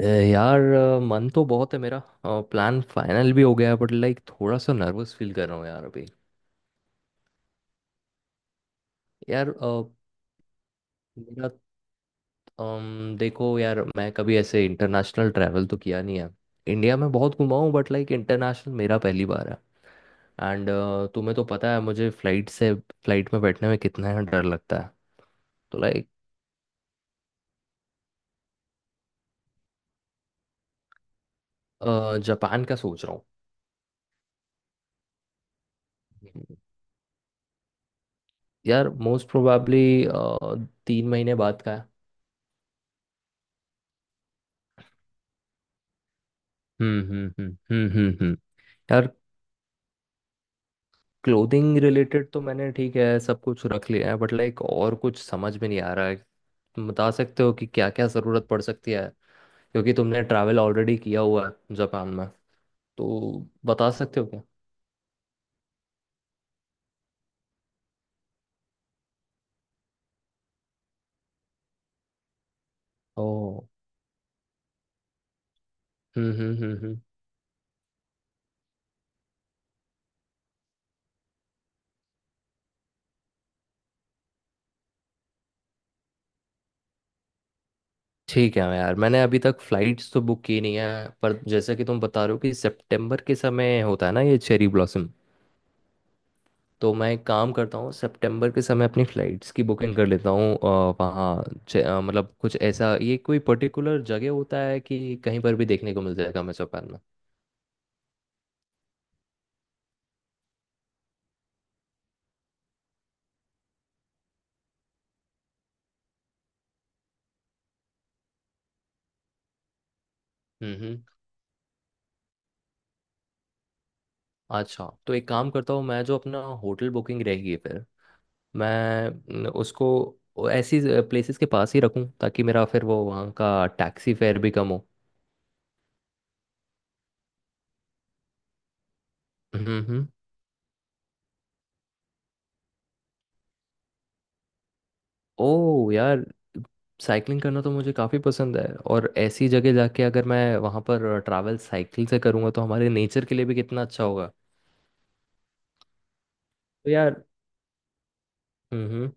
यार मन तो बहुत है मेरा। प्लान फाइनल भी हो गया है बट लाइक थोड़ा सा नर्वस फील कर रहा हूँ यार अभी। यार मेरा देखो यार, मैं कभी ऐसे इंटरनेशनल ट्रैवल तो किया नहीं है। इंडिया में बहुत घुमा हूँ बट लाइक इंटरनेशनल मेरा पहली बार है। एंड तुम्हें तो पता है मुझे फ्लाइट से फ्लाइट में बैठने में कितना ही डर लगता है। तो लाइक जापान का सोच रहा हूँ। यार मोस्ट प्रोबेबली 3 महीने बाद का है। हम्म हम्म हम्म हम्म हम्म हम्म। यार क्लोथिंग रिलेटेड तो मैंने ठीक है सब कुछ रख लिया है बट लाइक और कुछ समझ में नहीं आ रहा है। तुम बता सकते हो कि क्या क्या ज़रूरत पड़ सकती है, क्योंकि तुमने ट्रैवल ऑलरेडी किया हुआ है जापान में। तो बता सकते हो क्या? ओ। हम्म हम्म हम्म हम्म। ठीक है यार, मैंने अभी तक फ्लाइट्स तो बुक की नहीं है, पर जैसे कि तुम बता रहे हो कि सितंबर के समय होता है ना ये चेरी ब्लॉसम, तो मैं एक काम करता हूँ सितंबर के समय अपनी फ़्लाइट्स की बुकिंग कर लेता हूँ वहाँ। मतलब कुछ ऐसा, ये कोई पर्टिकुलर जगह होता है कि कहीं पर भी देखने को मिल जाएगा हमें जापान में? हम्म हम्म। अच्छा तो एक काम करता हूँ, मैं जो अपना होटल बुकिंग रहेगी फिर, मैं न, उसको वो ऐसी प्लेसेस के पास ही रखूँ ताकि मेरा फिर वो वहाँ का टैक्सी फेयर भी कम हो। हम्म। ओह यार, साइकिलिंग करना तो मुझे काफ़ी पसंद है, और ऐसी जगह जाके अगर मैं वहाँ पर ट्रैवल साइकिल से करूँगा तो हमारे नेचर के लिए भी कितना अच्छा होगा। तो यार। हम्म।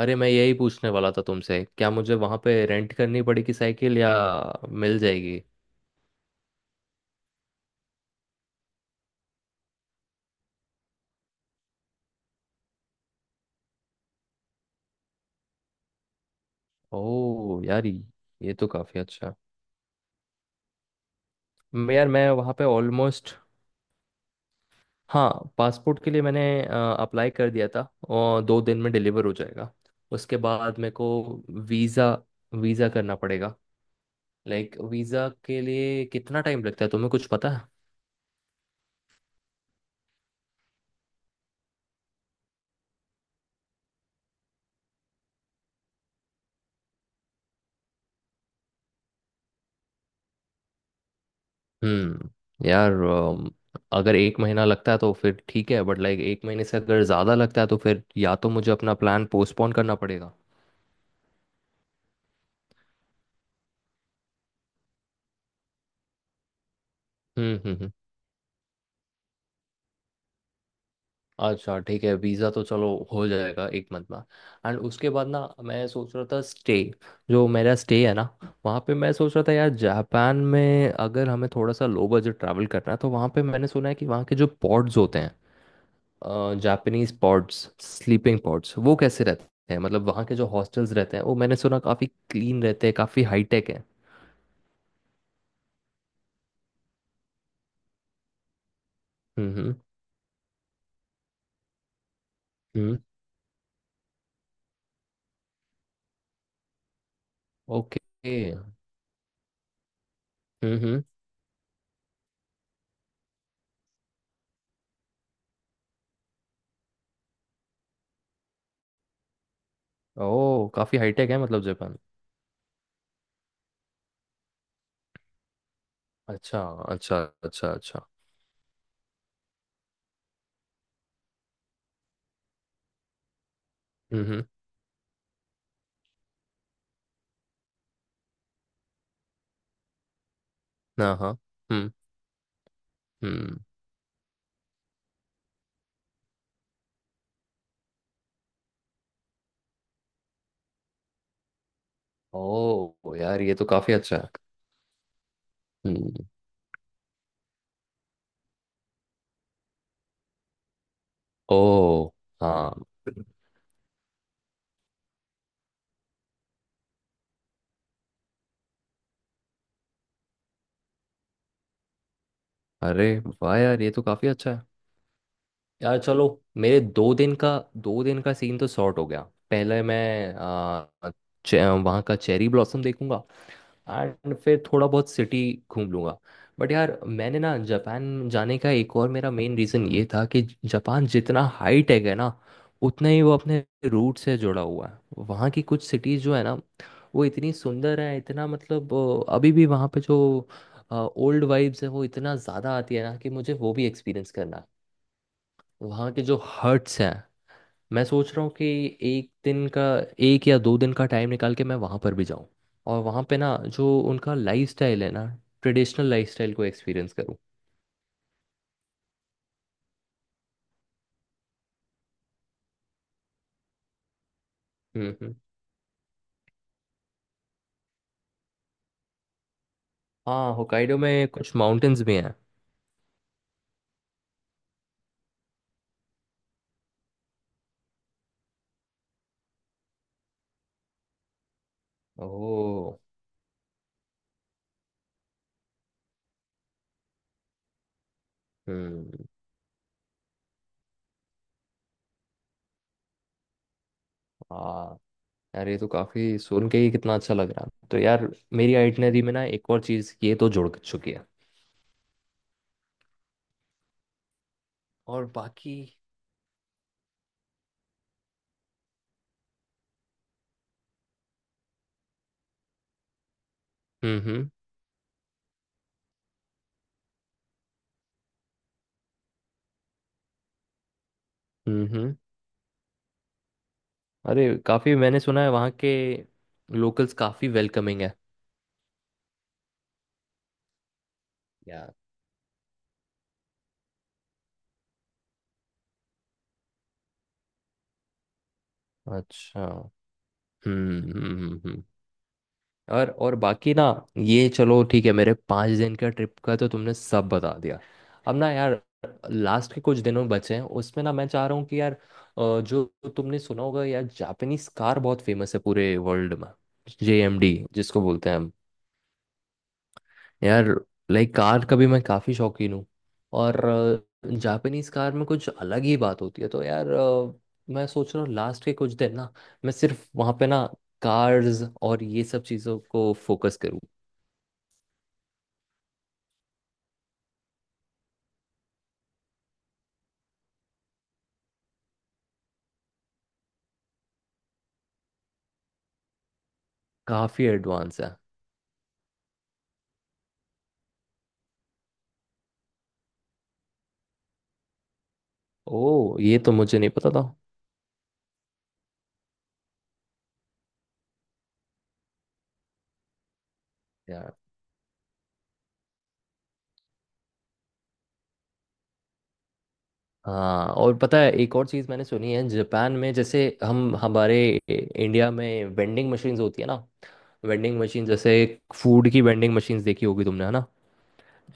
अरे मैं यही पूछने वाला था तुमसे, क्या मुझे वहाँ पे रेंट करनी पड़ेगी साइकिल, या मिल जाएगी? ओह यार ये तो काफ़ी अच्छा। मैं, यार मैं वहाँ पे ऑलमोस्ट। हाँ। पासपोर्ट के लिए मैंने अप्लाई कर दिया था, और 2 दिन में डिलीवर हो जाएगा। उसके बाद मेरे को वीज़ा वीज़ा करना पड़ेगा। लाइक वीज़ा के लिए कितना टाइम लगता है, तुम्हें कुछ पता है? हम्म। यार अगर 1 महीना लगता है तो फिर ठीक है, बट लाइक 1 महीने से अगर ज़्यादा लगता है तो फिर या तो मुझे अपना प्लान पोस्टपोन करना पड़ेगा। हम्म हम्म हम्म। अच्छा ठीक है, वीज़ा तो चलो हो जाएगा 1 मंथ में। एंड उसके बाद ना, मैं सोच रहा था स्टे, जो मेरा स्टे है ना वहाँ पे, मैं सोच रहा था यार जापान में अगर हमें थोड़ा सा लो बजट ट्रैवल करना है, तो वहाँ पे मैंने सुना है कि वहाँ के जो पॉड्स होते हैं, जापानीज पॉड्स, स्लीपिंग पॉड्स, वो कैसे रहते हैं? मतलब वहाँ के जो हॉस्टल्स रहते हैं वो मैंने सुना काफ़ी क्लीन रहते हैं, काफ़ी हाईटेक है। हम्म हम्म हम्म। ओके। हम्म हम्म। ओह काफ़ी हाईटेक है मतलब जापान। अच्छा अच्छा अच्छा अच्छा। हम्म। हाँ हाँ। हम्म हम्म। ओह यार ये तो काफ़ी अच्छा है। हम्म। ओह। हाँ। अरे वाह यार ये तो काफ़ी अच्छा है। यार चलो, मेरे 2 दिन का 2 दिन का सीन तो सॉर्ट हो गया। पहले मैं वहाँ का चेरी ब्लॉसम देखूंगा, एंड फिर थोड़ा बहुत सिटी घूम लूंगा। बट यार मैंने ना जापान जाने का एक और मेरा मेन रीज़न ये था कि जापान जितना हाई टेक है ना, उतना ही वो अपने रूट से जुड़ा हुआ है। वहाँ की कुछ सिटीज़ जो है ना, वो इतनी सुंदर है, इतना मतलब अभी भी वहाँ पे जो ओल्ड वाइब्स है, वो इतना ज़्यादा आती है ना कि मुझे वो भी एक्सपीरियंस करना है। वहाँ के जो हट्स हैं, मैं सोच रहा हूँ कि 1 दिन का 1 या 2 दिन का टाइम निकाल के मैं वहाँ पर भी जाऊँ, और वहाँ पे ना जो उनका लाइफस्टाइल है ना, ट्रेडिशनल लाइफस्टाइल को एक्सपीरियंस करूँ। हम्म। हाँ, होकाइडो में कुछ माउंटेन्स भी हैं। ओह। हम्म। हाँ। यार ये तो काफ़ी सुन के ही कितना अच्छा लग रहा है। तो यार मेरी आइटनरी में ना एक और चीज़ ये तो जुड़ चुकी है। और बाकी। हम्म हम्म हम्म हम्म। अरे काफ़ी मैंने सुना है वहाँ के लोकल्स काफ़ी वेलकमिंग है। या। अच्छा। हम्म हम्म हम्म, हम्म। और बाकी ना ये चलो ठीक है, मेरे 5 दिन का ट्रिप का तो तुमने सब बता दिया। अब ना यार लास्ट के कुछ दिनों बचे हैं, उसमें ना मैं चाह रहा हूँ कि यार जो तुमने सुना होगा यार, जापानीज कार बहुत फेमस है पूरे वर्ल्ड में। जेएमडी जिसको बोलते हैं हम। यार लाइक कार का भी मैं काफ़ी शौकीन हूँ, और जापानीज कार में कुछ अलग ही बात होती है। तो यार मैं सोच रहा हूँ लास्ट के कुछ दिन ना मैं सिर्फ वहाँ पे ना कार्स और ये सब चीज़ों को फोकस करूँ। काफ़ी एडवांस है। ओ ये तो मुझे नहीं पता था। यार हाँ, और पता है एक और चीज़ मैंने सुनी है जापान में, जैसे हम हमारे इंडिया में वेंडिंग मशीन्स होती है ना, वेंडिंग मशीन जैसे फूड की वेंडिंग मशीन्स देखी होगी तुमने है ना।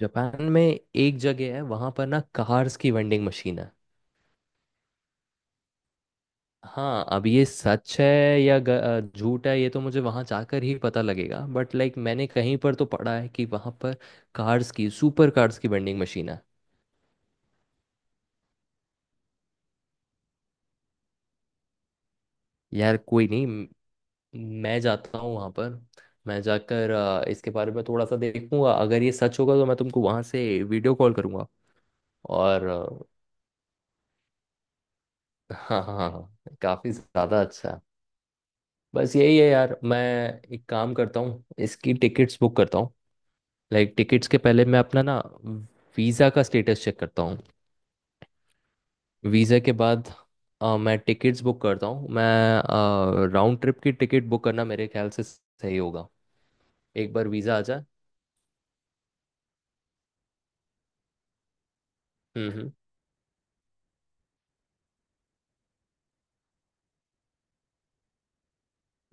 जापान में एक जगह है वहां पर ना, कार्स की वेंडिंग मशीन है। हाँ अब ये सच है या झूठ है, ये तो मुझे वहां जाकर ही पता लगेगा, बट लाइक मैंने कहीं पर तो पढ़ा है कि वहां पर कार्स की, सुपर कार्स की वेंडिंग मशीन है। यार कोई नहीं। मैं जाता हूँ वहां पर। मैं जाकर इसके बारे में थोड़ा सा देखूंगा, अगर ये सच होगा तो मैं तुमको वहां से वीडियो कॉल करूंगा। और हाँ हाँ हाँ, काफी ज्यादा अच्छा है। बस यही है यार, मैं एक काम करता हूँ इसकी टिकट्स बुक करता हूँ। लाइक टिकट्स के पहले मैं अपना ना वीज़ा का स्टेटस चेक करता हूँ। वीज़ा के बाद मैं टिकट्स बुक करता हूँ। मैं राउंड ट्रिप की टिकट बुक करना मेरे ख्याल से सही होगा। एक बार वीज़ा आ जाए। हम्म हम्म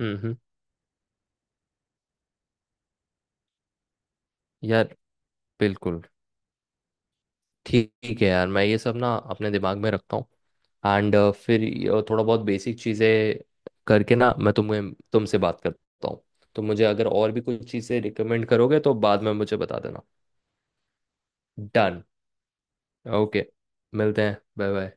हम्म हम्म। यार बिल्कुल। ठीक है यार, मैं ये सब ना अपने दिमाग में रखता हूँ, एंड फिर ये थोड़ा बहुत बेसिक चीज़ें करके ना मैं तुम्हें, तुमसे बात करता हूँ। तो मुझे अगर और भी कुछ चीज़ें रिकमेंड करोगे तो बाद में मुझे बता देना। डन। ओके मिलते हैं, बाय बाय।